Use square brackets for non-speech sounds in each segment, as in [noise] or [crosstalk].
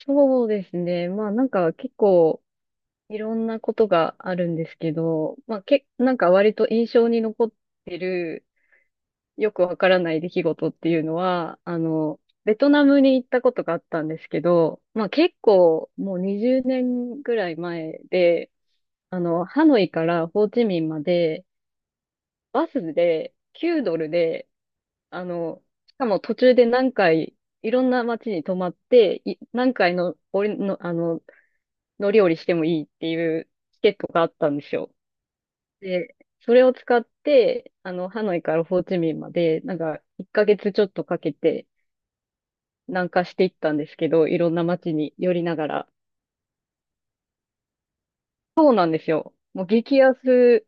そうですね。まあなんか結構いろんなことがあるんですけど、まあけ、なんか割と印象に残ってるよくわからない出来事っていうのは、ベトナムに行ったことがあったんですけど、まあ結構もう20年ぐらい前で、ハノイからホーチミンまでバスで9ドルで、あの、しかも途中で何回いろんな街に泊まって、い何回の、俺の、あの、の料理してもいいっていうチケットがあったんですよ。で、それを使って、ハノイからホーチミンまで、なんか、1ヶ月ちょっとかけて南下していったんですけど、いろんな街に寄りながら。そうなんですよ。もう激安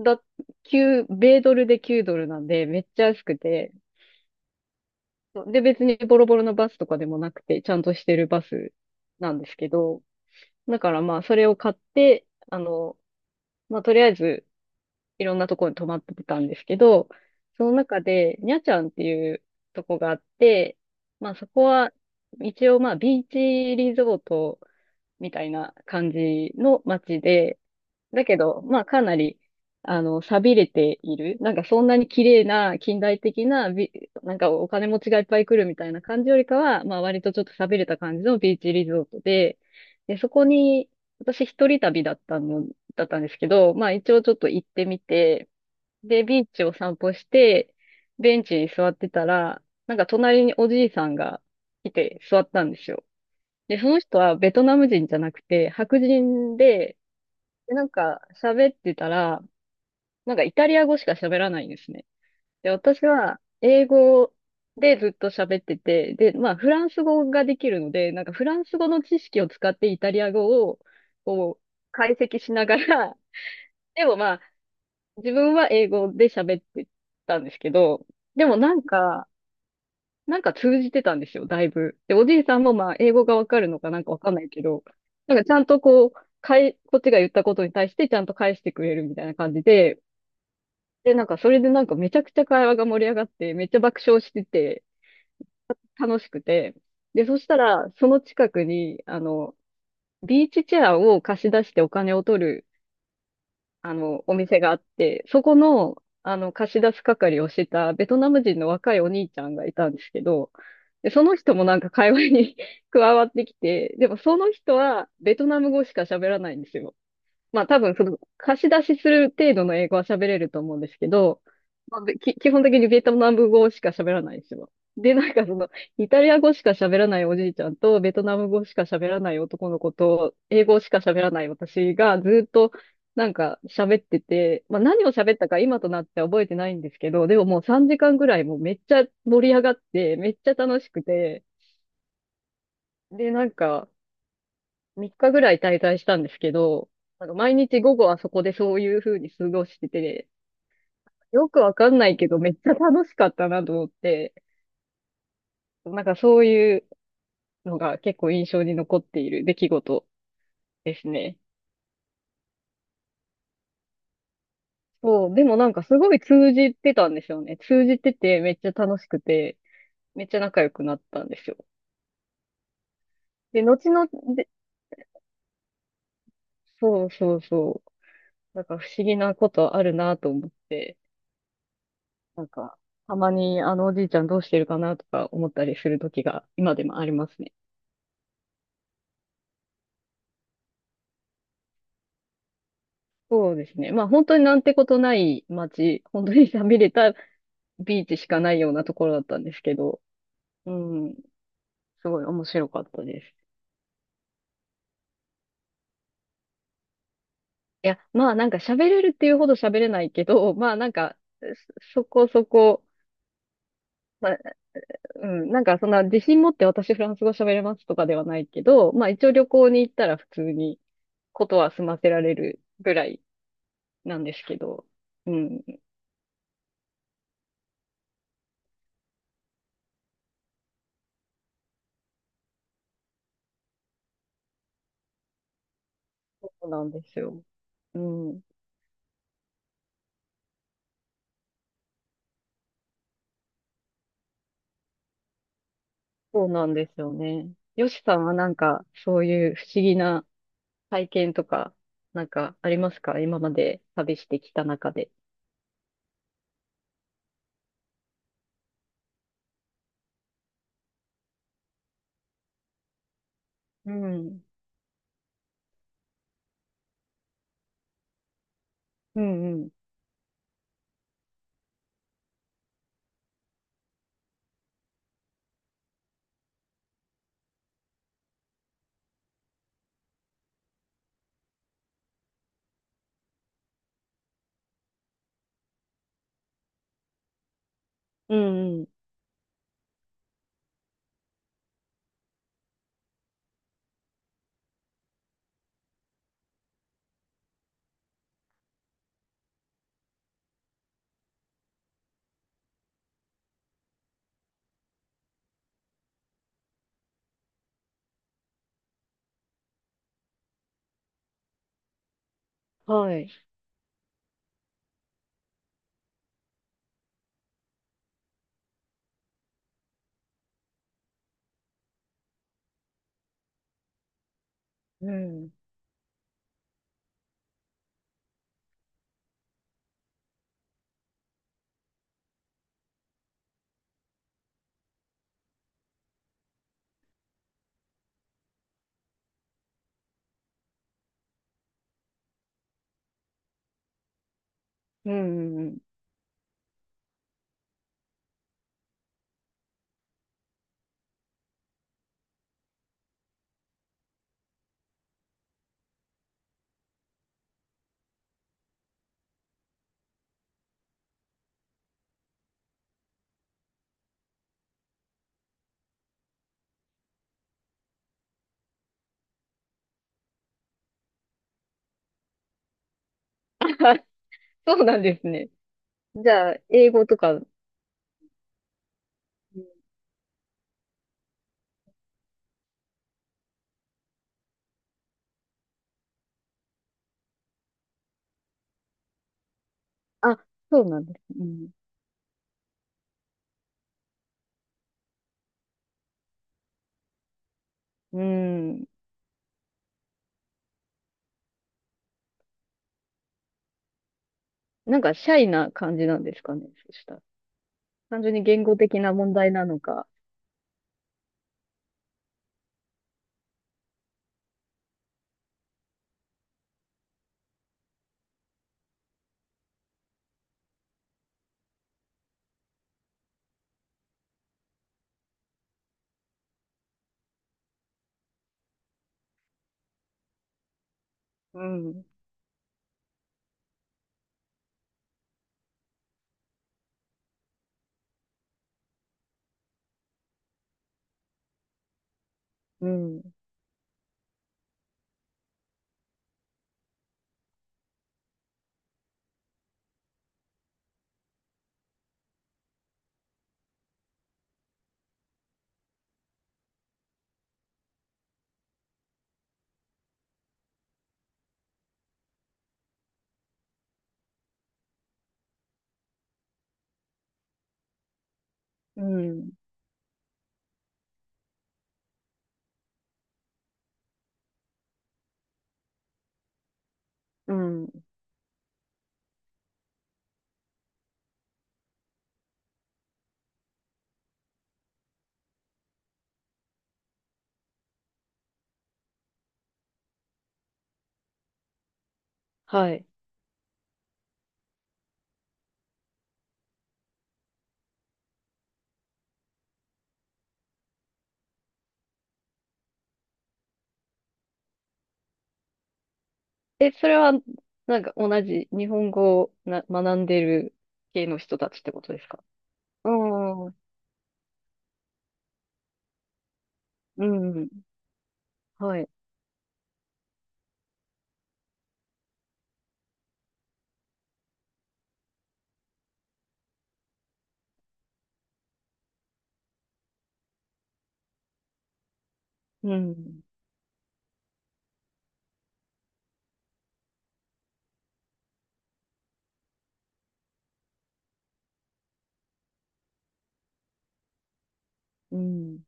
だ、9、米ドルで9ドルなんで、めっちゃ安くて、そうで、別にボロボロのバスとかでもなくて、ちゃんとしてるバスなんですけど、だからまあ、それを買って、まあ、とりあえず、いろんなところに泊まってたんですけど、その中で、にゃちゃんっていうとこがあって、まあそこは、一応まあビーチリゾートみたいな感じの街で、だけど、まあかなり、寂れている。なんかそんなに綺麗な近代的なビ、なんかお金持ちがいっぱい来るみたいな感じよりかは、まあ割とちょっと寂れた感じのビーチリゾートで、で、そこに、私一人旅だったんですけど、まあ一応ちょっと行ってみて、で、ビーチを散歩して、ベンチに座ってたら、なんか隣におじいさんが来て座ったんですよ。で、その人はベトナム人じゃなくて、白人で、で、なんか喋ってたら、なんかイタリア語しか喋らないんですね。で、私は英語でずっと喋ってて、で、まあフランス語ができるので、なんかフランス語の知識を使ってイタリア語をこう解析しながら、[laughs] でもまあ自分は英語で喋ってたんですけど、でもなんか、なんか通じてたんですよ、だいぶ。で、おじいさんもまあ、英語がわかるのかなんかわかんないけど、なんかちゃんとこう、こっちが言ったことに対してちゃんと返してくれるみたいな感じで、で、なんかそれでなんかめちゃくちゃ会話が盛り上がって、めっちゃ爆笑してて、楽しくて、で、そしたら、その近くに、ビーチチェアを貸し出してお金を取るお店があって、そこの、貸し出す係をしてたベトナム人の若いお兄ちゃんがいたんですけど、で、その人もなんか会話に [laughs] 加わってきて、でもその人はベトナム語しか喋らないんですよ。まあ多分その貸し出しする程度の英語は喋れると思うんですけど、まあ、基本的にベトナム語しか喋らないんですよ。で、なんかその、イタリア語しか喋らないおじいちゃんと、ベトナム語しか喋らない男の子と、英語しか喋らない私がずっとなんか喋ってて、まあ何を喋ったか今となっては覚えてないんですけど、でももう3時間ぐらいもうめっちゃ盛り上がって、めっちゃ楽しくて、で、なんか、3日ぐらい滞在したんですけど、毎日午後はそこでそういう風に過ごしてて、よくわかんないけど、めっちゃ楽しかったなと思って、なんかそういうのが結構印象に残っている出来事ですね。そう、でもなんかすごい通じてたんですよね。通じてて、めっちゃ楽しくて、めっちゃ仲良くなったんですよ。で、後々で、そうそうそう。なんか不思議なことあるなと思って。なんか、たまにあのおじいちゃんどうしてるかなとか思ったりする時が今でもありますね。そうですね。まあ本当になんてことない街、本当に寂れたビーチしかないようなところだったんですけど、うん、すごい面白かったです。いや、まあなんか喋れるっていうほど喋れないけど、まあなんか、そそこそこ、まあ、うん、なんかそんな自信持って私フランス語喋れますとかではないけど、まあ一応旅行に行ったら普通にことは済ませられるぐらいなんですけど。うん。そうなんですよ。うん。そうなんですよね。よしさんはなんか、そういう不思議な体験とか、なんかありますか今まで旅してきた中で？うん。うんうん。うんうん。はい。うん。うんうんうん。そうなんですね。じゃあ、英語とか、うんあ、そうなんです。うん。うん。なんか、シャイな感じなんですかね。そしたら。単純に言語的な問題なのか。うん。うん。うん。うん。はい。え、それは、なんか同じ日本語を学んでる系の人たちってことですか？うん。うん。はい。うん。うん。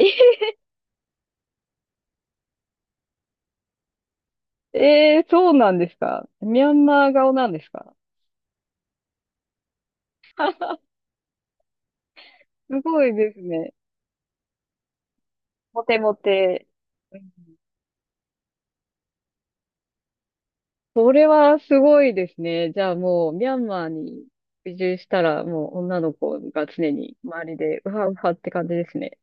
[laughs] えー、そうなんですか？ミャンマー顔なんですか？すごいですね。モテモテ。うん、それはすごいですね。じゃあもう、ミャンマーに移住したら、もう女の子が常に周りで、うはうはって感じですね。